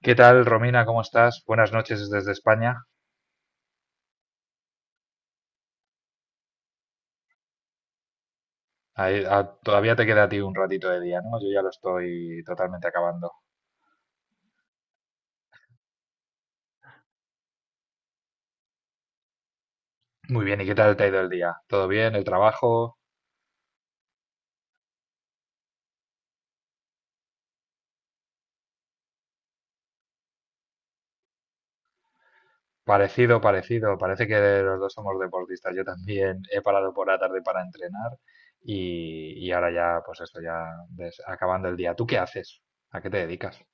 ¿Qué tal, Romina? ¿Cómo estás? Buenas noches desde España. Todavía te queda a ti un ratito de día, ¿no? Yo ya lo estoy totalmente acabando. Muy bien, ¿y qué tal te ha ido el día? ¿Todo bien? ¿El trabajo? Parecido, parecido. Parece que los dos somos deportistas. Yo también he parado por la tarde para entrenar y ahora ya, pues esto ya acabando el día. ¿Tú qué haces? ¿A qué te dedicas?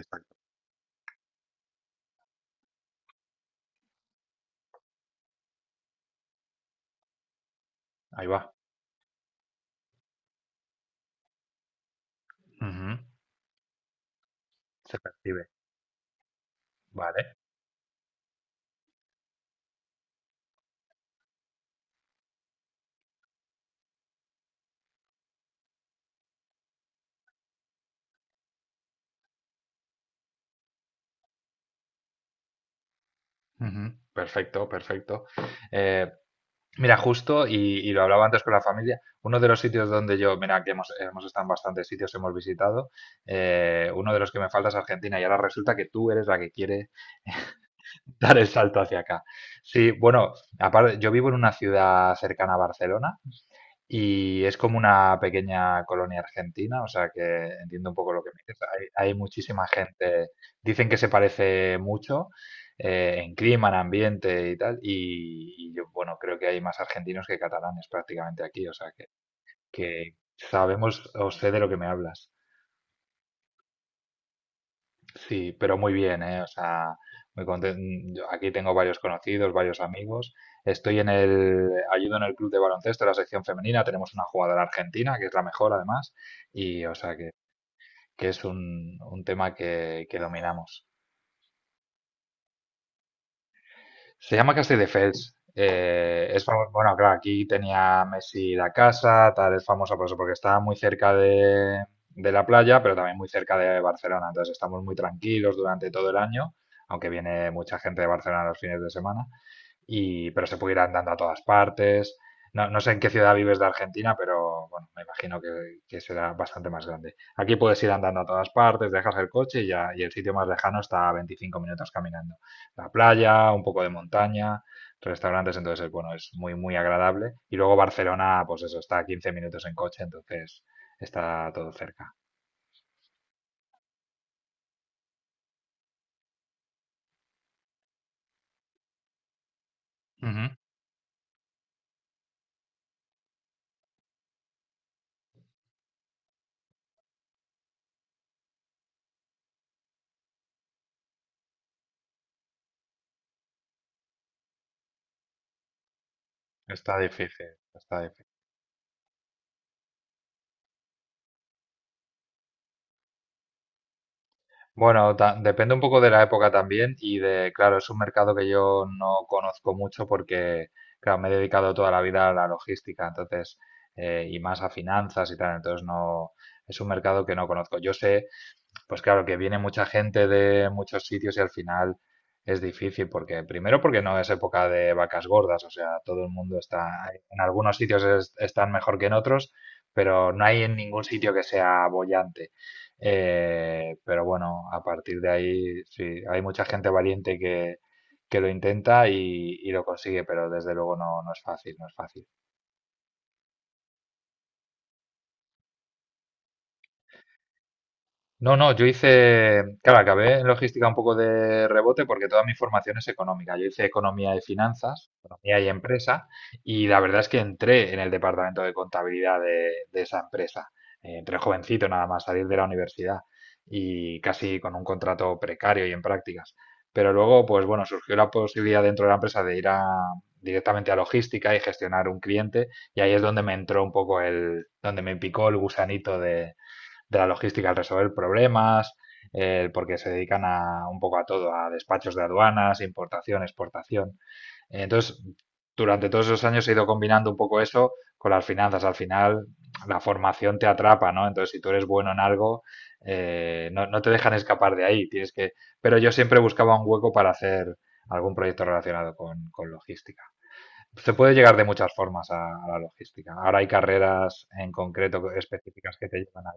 Exacto. Ahí va. Ujú. Se percibe. Vale. Ujú. Perfecto, perfecto. Eh, Mira, justo, y lo hablaba antes con la familia, uno de los sitios donde yo, mira, que hemos estado en bastantes sitios, hemos visitado, uno de los que me falta es Argentina y ahora resulta que tú eres la que quiere dar el salto hacia acá. Sí, bueno, aparte, yo vivo en una ciudad cercana a Barcelona, y es como una pequeña colonia argentina, o sea que entiendo un poco lo que me dices. Hay muchísima gente, dicen que se parece mucho en clima, en ambiente y tal, y yo, bueno, creo que hay más argentinos que catalanes prácticamente aquí, o sea que sabemos o sé de lo que me hablas. Sí, pero muy bien, ¿eh? O sea, muy contento. Aquí tengo varios conocidos, varios amigos. Estoy en el, ayudo en el club de baloncesto, la sección femenina. Tenemos una jugadora argentina, que es la mejor además. Y o sea, que es un tema que dominamos. Se llama Castell Defels. Es bueno, claro, aquí tenía Messi la casa, tal, es famosa por eso, porque está muy cerca de la playa, pero también muy cerca de Barcelona. Entonces estamos muy tranquilos durante todo el año, aunque viene mucha gente de Barcelona los fines de semana y, pero se puede ir andando a todas partes. No, no sé en qué ciudad vives de Argentina, pero bueno, me imagino que será bastante más grande. Aquí puedes ir andando a todas partes, dejas el coche y, ya, y el sitio más lejano está a 25 minutos caminando. La playa, un poco de montaña, restaurantes, entonces bueno, es muy, muy agradable. Y luego Barcelona, pues eso, está a 15 minutos en coche, entonces está todo cerca. Ujú. Está difícil, está difícil. Bueno, depende un poco de la época también y de, claro, es un mercado que yo no conozco mucho porque, claro, me he dedicado toda la vida a la logística, entonces, y más a finanzas y tal, entonces no, es un mercado que no conozco. Yo sé, pues claro, que viene mucha gente de muchos sitios y al final es difícil porque, primero porque no es época de vacas gordas, o sea, todo el mundo está, en algunos sitios están mejor que en otros, pero no hay en ningún sitio que sea boyante. Pero bueno, a partir de ahí, sí, hay mucha gente valiente que lo intenta y lo consigue, pero desde luego no, no es fácil, no es fácil. No, no, yo hice, claro, acabé en logística un poco de rebote porque toda mi formación es económica. Yo hice economía y finanzas, economía y empresa, y la verdad es que entré en el departamento de contabilidad de esa empresa. Entré jovencito nada más, salir de la universidad y casi con un contrato precario y en prácticas. Pero luego, pues bueno, surgió la posibilidad dentro de la empresa de ir a, directamente a logística y gestionar un cliente, y ahí es donde me entró un poco el, donde me picó el gusanito de la logística al resolver problemas, porque se dedican a un poco a todo, a despachos de aduanas, importación, exportación. Entonces, durante todos esos años he ido combinando un poco eso con las finanzas. Al final, la formación te atrapa, ¿no? Entonces, si tú eres bueno en algo, no, no te dejan escapar de ahí. Tienes que... Pero yo siempre buscaba un hueco para hacer algún proyecto relacionado con logística. Se puede llegar de muchas formas a, la logística. Ahora hay carreras en concreto específicas que te llevan a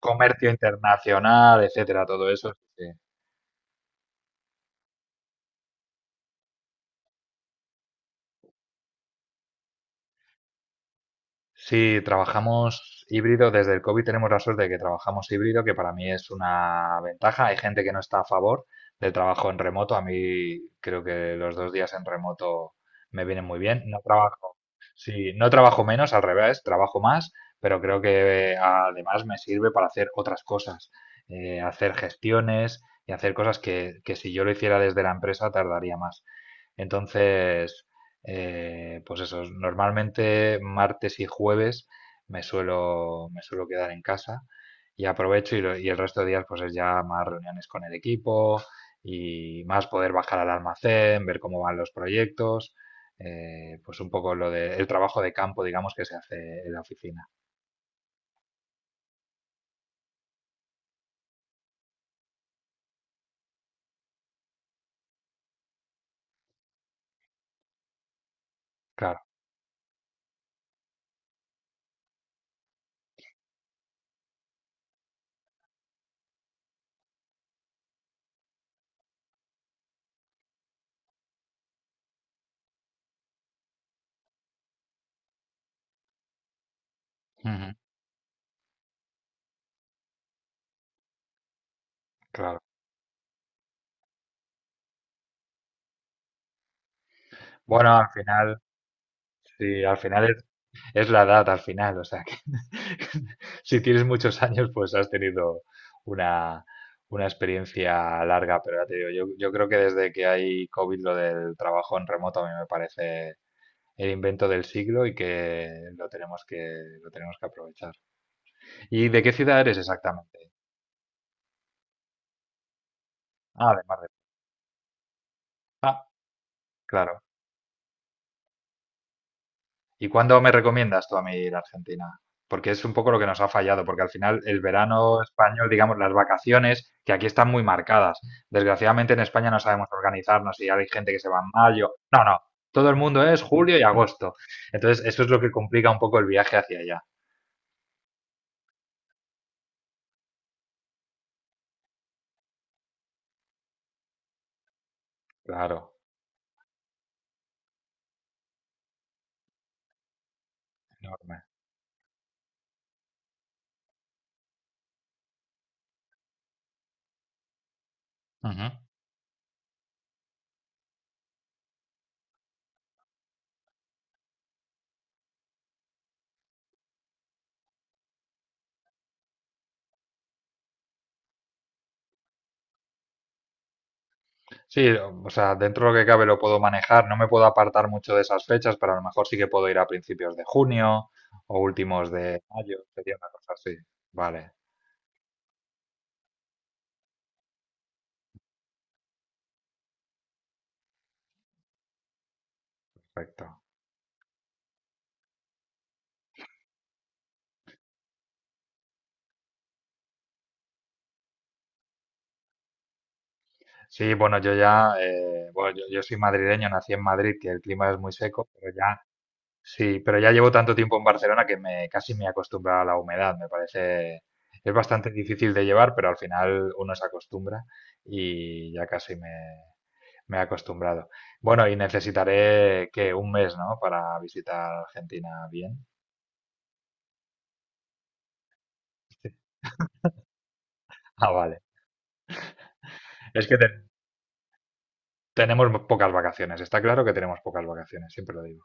comercio internacional, etcétera, todo eso. Sí. Sí, trabajamos híbrido, desde el COVID tenemos la suerte de que trabajamos híbrido, que para mí es una ventaja. Hay gente que no está a favor del trabajo en remoto. A mí creo que los dos días en remoto me vienen muy bien. No trabajo, sí, no trabajo menos, al revés, trabajo más, pero creo que además me sirve para hacer otras cosas, hacer gestiones y hacer cosas que si yo lo hiciera desde la empresa tardaría más. Entonces, pues eso, normalmente martes y jueves me suelo quedar en casa y aprovecho y, y el resto de días pues es ya más reuniones con el equipo y más poder bajar al almacén, ver cómo van los proyectos, pues un poco lo de, el trabajo de campo, digamos, que se hace en la oficina. Claro. Ujú. Claro. Bueno, al final, sí, al final es la edad al final, o sea, que si tienes muchos años, pues has tenido una, una experiencia larga, pero ya te digo, yo creo que desde que hay COVID lo del trabajo en remoto a mí me parece el invento del siglo y que lo tenemos que, lo tenemos que aprovechar. ¿Y de qué ciudad eres exactamente? Ah, de Mar del Plata. Ah, claro. ¿Y cuándo me recomiendas tú a mí ir a Argentina? Porque es un poco lo que nos ha fallado, porque al final el verano español, digamos, las vacaciones, que aquí están muy marcadas. Desgraciadamente en España no sabemos organizarnos y hay gente que se va en mayo. No, no, todo el mundo es julio y agosto. Entonces, eso es lo que complica un poco el viaje hacia allá. Claro. Enorme. Ujú. Sí, o sea, dentro de lo que cabe lo puedo manejar, no me puedo apartar mucho de esas fechas, pero a lo mejor sí que puedo ir a principios de junio o últimos de mayo, sería una cosa así. Vale, perfecto. Sí, bueno, yo ya, bueno, yo soy madrileño, nací en Madrid, que el clima es muy seco, pero ya, sí, pero ya llevo tanto tiempo en Barcelona que me, casi me he acostumbrado a la humedad, me parece, es bastante difícil de llevar, pero al final uno se acostumbra y ya me he acostumbrado. Bueno, y necesitaré que un mes, ¿no? Para visitar Argentina bien. Ah, vale. Es que tenemos pocas vacaciones, está claro que tenemos pocas vacaciones, siempre lo digo.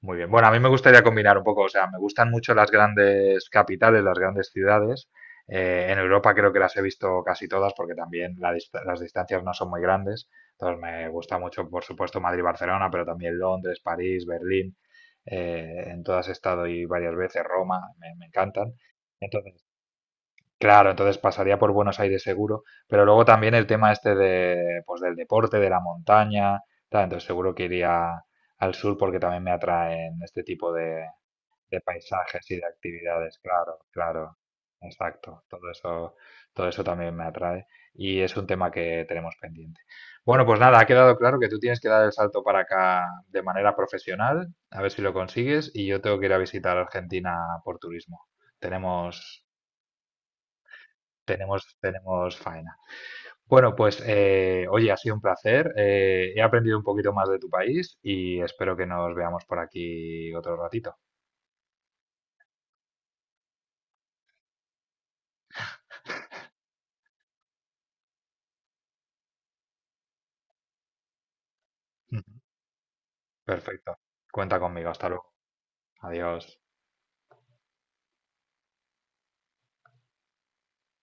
Muy bien. Bueno, a mí me gustaría combinar un poco, o sea, me gustan mucho las grandes capitales, las grandes ciudades. En Europa creo que las he visto casi todas porque también las distancias no son muy grandes. Entonces me gusta mucho, por supuesto, Madrid-Barcelona, pero también Londres, París, Berlín. En todas he estado y varias veces, Roma, me encantan. Entonces, claro, entonces pasaría por Buenos Aires seguro, pero luego también el tema este de, pues del deporte, de la montaña, tal, entonces seguro que iría al sur porque también me atraen este tipo de paisajes y de actividades, claro, claro, exacto, todo eso también me atrae y es un tema que tenemos pendiente. Bueno, pues nada, ha quedado claro que tú tienes que dar el salto para acá de manera profesional, a ver si lo consigues, y yo tengo que ir a visitar Argentina por turismo. Tenemos, tenemos faena. Bueno, pues oye, ha sido un placer. He aprendido un poquito más de tu país y espero que nos veamos por aquí otro ratito. Ujú. Perfecto. Cuenta conmigo. Hasta luego. Adiós.